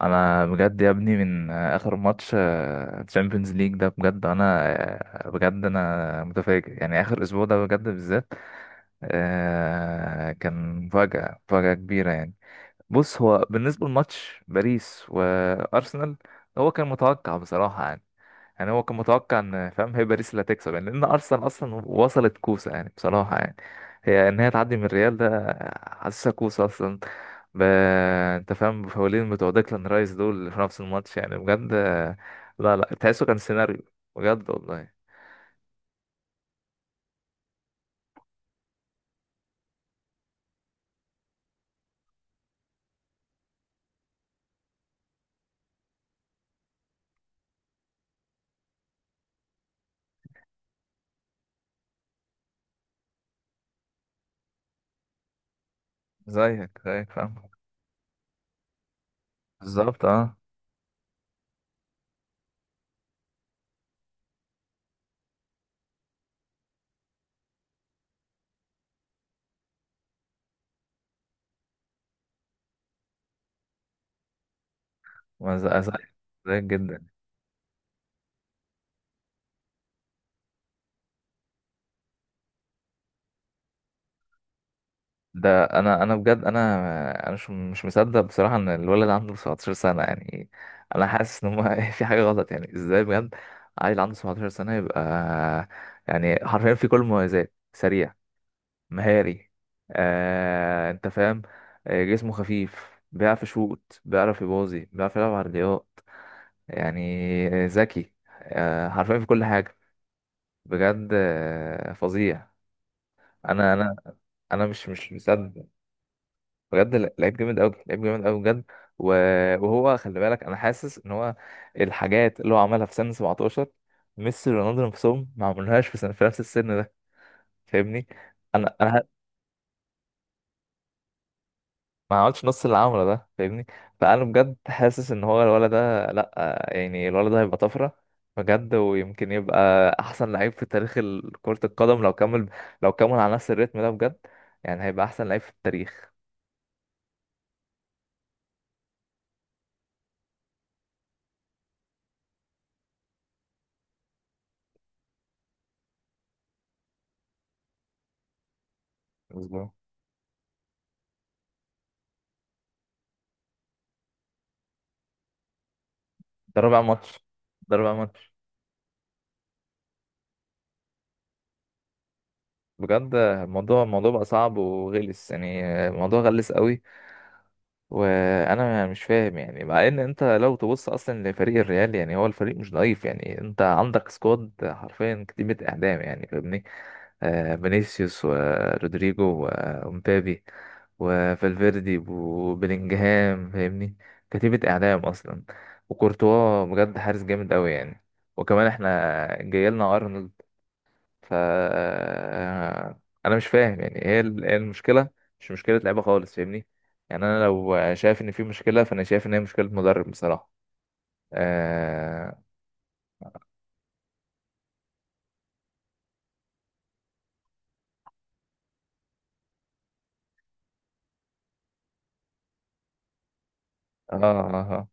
انا بجد يا ابني من اخر ماتش تشامبيونز ليج ده بجد انا آه، بجد انا متفاجئ يعني اخر اسبوع ده بجد بالذات. كان مفاجأة مفاجأة كبيرة يعني. بص، هو بالنسبة لماتش باريس وأرسنال هو كان متوقع بصراحة يعني. يعني هو كان متوقع إن، فاهم، هي باريس اللي هتكسب يعني، لأن أرسنال أصلا وصلت كوسة يعني بصراحة يعني. هي إن هي تعدي من الريال ده حاسسها كوسة أصلا. ب... أنت فاهم بفاولين بتوع ديكلان رايس دول في نفس الماتش يعني بجد. لا لا، تحسه كان سيناريو بجد والله. زيك زيك فاهم، بالظبط اه. ما ز- زيك زيك جدا. ده انا بجد انا مش مصدق بصراحه ان الولد عنده 17 سنه يعني. انا حاسس ان هو في حاجه غلط، يعني ازاي بجد؟ عيل عنده 17 سنه، يبقى يعني حرفيا في كل المميزات. سريع، مهاري، انت فاهم. جسمه خفيف، بيعرف يشوط، بيعرف يباظي، بيعرف يلعب عرضيات. يعني ذكي، حرفيا في كل حاجه. بجد، فظيع. انا انا انا مش مصدق. بجد، لعيب جامد قوي، لعيب جامد قوي بجد. و- وهو خلي بالك، انا حاسس ان هو الحاجات اللي هو عملها في سن 17، ميسي ورونالدو نفسهم ما عملوهاش في سن، في نفس السن ده، فاهمني؟ انا انا ه- ما عملتش نص اللي عمله ده فاهمني. فانا بجد حاسس ان هو الولد ده، لا يعني، الولد ده هيبقى طفره بجد. ويمكن يبقى احسن لعيب في تاريخ كرة القدم لو كمل، لو كمل على نفس الريتم ده بجد. يعني هيبقى احسن لعيب في التاريخ. بالظبط، ده رابع ماتش، ده رابع ماتش. بجد الموضوع، الموضوع بقى صعب وغلس، يعني الموضوع غلس قوي. وانا مش فاهم، يعني مع ان انت لو تبص اصلا لفريق الريال، يعني هو الفريق مش ضعيف، يعني انت عندك سكواد، حرفيا كتيبة اعدام، يعني فاهمني. آه، فينيسيوس ورودريجو ومبابي وفالفيردي وبيلينجهام فاهمني. كتيبة اعدام اصلا، وكورتوا بجد حارس جامد قوي يعني. وكمان احنا جايلنا ارنولد. ف انا مش فاهم، يعني ايه إيه المشكله؟ مش مشكله لعيبه خالص فاهمني. يعني انا لو شايف ان في مشكله، فانا شايف ان هي مشكله مدرب بصراحه. اه. اه. اه.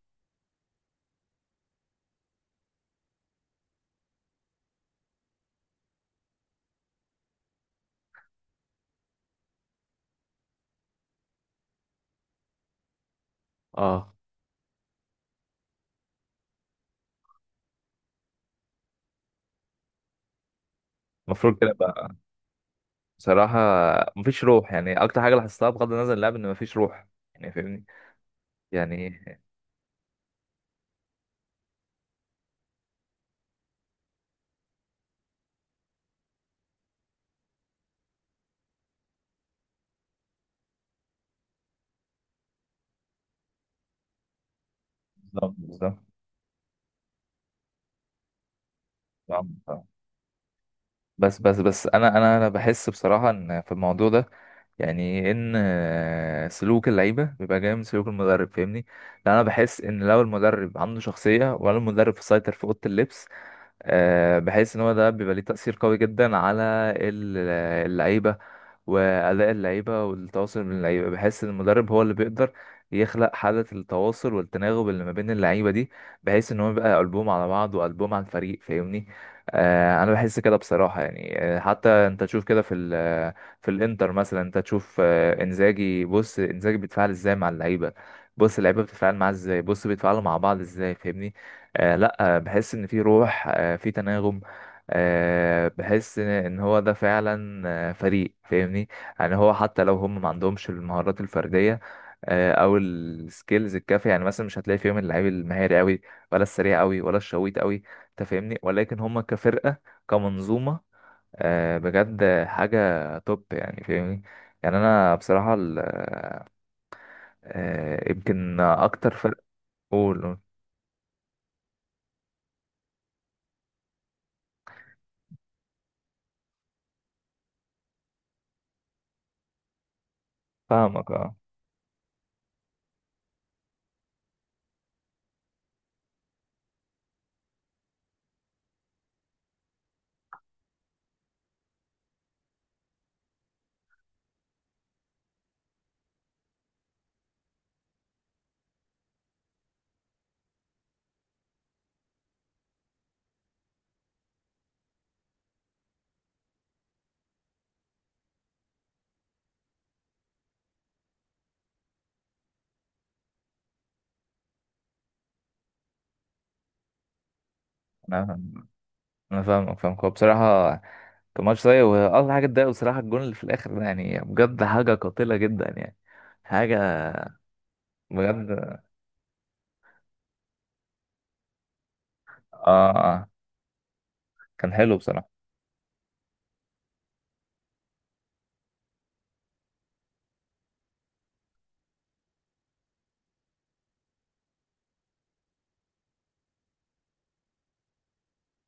اه، المفروض كده بقى. بصراحه، مفيش روح. يعني اكتر حاجه لاحظتها، بغض النظر عن اللعب، ان مفيش روح يعني فاهمني، يعني. بالظبط، بالظبط. بالظبط. بس بس بس انا بحس بصراحه ان في الموضوع ده، يعني ان سلوك اللعيبه بيبقى جاي من سلوك المدرب فاهمني. لان انا بحس ان لو المدرب عنده شخصيه، ولا المدرب سيطر في اوضه اللبس، بحس ان هو ده بيبقى ليه تاثير قوي جدا على ال- اللعيبه، وأداء اللعيبة والتواصل من اللعيبة. بحس إن المدرب هو اللي بيقدر يخلق حالة التواصل والتناغم اللي ما بين اللعيبة دي، بحيث إن هو يبقى قلبهم على بعض وقلبهم على الفريق فاهمني. أنا بحس كده بصراحة يعني. حتى أنت تشوف كده في في الإنتر مثلا، أنت تشوف إنزاجي، بص إنزاجي بيتفاعل إزاي مع اللعيبة، بص اللعيبة بتتفاعل معاه إزاي، بص بيتفاعلوا مع بعض إزاي فاهمني. لا، بحس إن في روح، في تناغم، بحس ان إن هو ده فعلا فريق فاهمني. يعني هو حتى لو هم ما عندهمش المهارات الفرديه، او السكيلز الكافيه، يعني مثلا مش هتلاقي فيهم اللعيب المهاري قوي، ولا السريع قوي، ولا الشويت قوي، انت فاهمني. ولكن هم كفرقه، كمنظومه، بجد حاجه توب يعني فاهمني. يعني انا بصراحه يمكن اكتر فرق. قول، قول. فاهمك اه. أنا فاهم. انا فاهمك، فاهمك. هو بصراحه كان ماتش سيء، واكتر حاجه اتضايق بصراحه الجون اللي في الاخر ده، يعني بجد حاجه قاتله جدا يعني، حاجه بجد. اه اه، كان حلو بصراحه.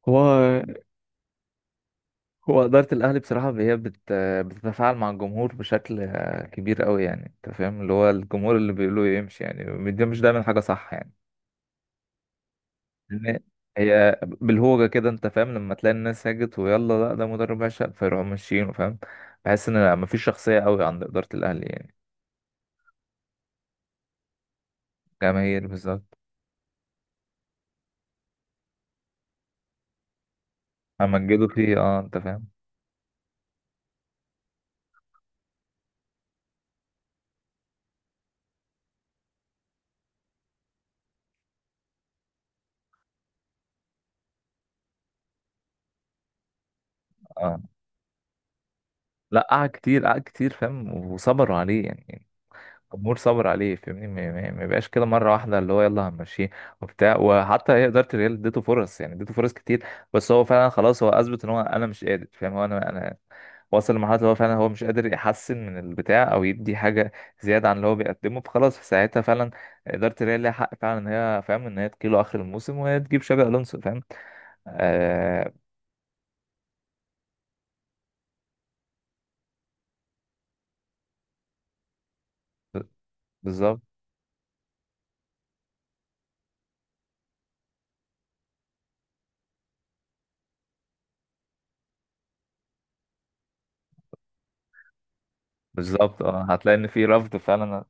هو هو اداره الاهلي بصراحه هي بتتفاعل مع الجمهور بشكل كبير قوي، يعني انت فاهم. اللي هو الجمهور اللي بيقولوا يمشي، يعني دي مش دايما حاجه صح يعني. لأن هي بالهوجه كده، انت فاهم، لما تلاقي الناس هاجت ويلا لا ده مدرب عشق، فيروحوا ماشيين فاهم. بحس ان مفيش شخصيه قوي عند اداره الاهلي يعني. جماهير بالظبط، همجدوا فيه اه انت فاهم. اه، لا قعد كتير، قعد كتير فاهم، وصبروا عليه يعني. الجمهور صبر عليه فاهمني. ما بقاش كده مره واحده اللي هو يلا هنمشيه وبتاع. وحتى هي اداره الريال اديته فرص، يعني اديته فرص كتير. بس هو فعلا خلاص هو اثبت ان هو انا مش قادر فاهم. هو انا وصل لمرحله اللي هو فعلا هو مش قادر يحسن من البتاع، او يدي حاجه زياده عن اللي هو بيقدمه. فخلاص في ساعتها فعلا اداره الريال ليها حق فعلا ان هي فاهم، ان هي تجيله اخر الموسم وهي تجيب شابي الونسو فاهم. آه. بالظبط، بالظبط اه، هتلاقي ان في رفض فعلا.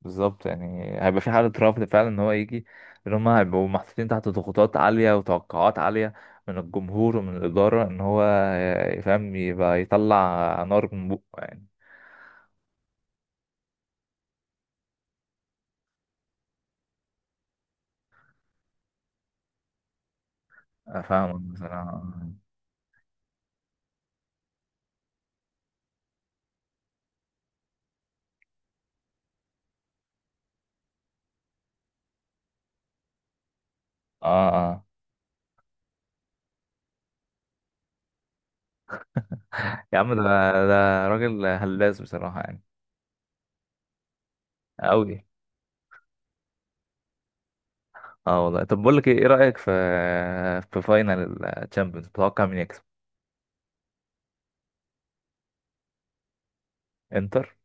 بالظبط، يعني هيبقى في حالة رفض فعلا ان هو يجي، ان هم هيبقوا محطوطين تحت ضغوطات عالية وتوقعات عالية من الجمهور ومن الإدارة، ان هو يفهم، يبقى يطلع نار من بقه يعني. فاهم بصراحة. اه اه. يا عم ده، ده راجل هلاس بصراحة يعني. أوي. اه والله. طب بقول لك ايه، إيه رأيك في، في فاينل الشامبيونز؟ تتوقع مين يكسب؟ انتر.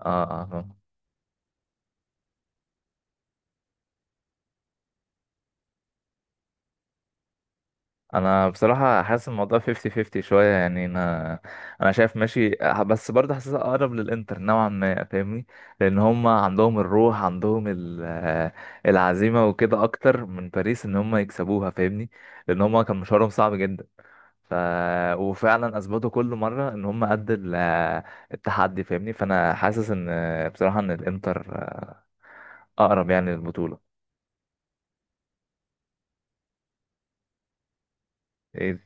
اه اه آه. انا بصراحه حاسس الموضوع 50-50 شويه يعني. انا، انا شايف ماشي، بس برضه حاسسها اقرب للانتر نوعا ما فاهمني. لان هم عندهم الروح، عندهم العزيمه وكده اكتر من باريس، ان هم يكسبوها فاهمني. لان هم كان مشوارهم صعب جدا. ف... وفعلا اثبتوا كل مره ان هم قد التحدي فاهمني. فانا حاسس ان بصراحه ان الانتر، اقرب يعني للبطوله. إيه-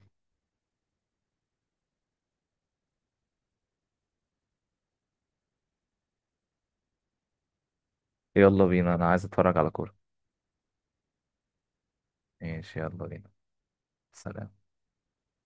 يلا بينا، انا عايز اتفرج على كوره. ماشي، يلا بينا. سلام.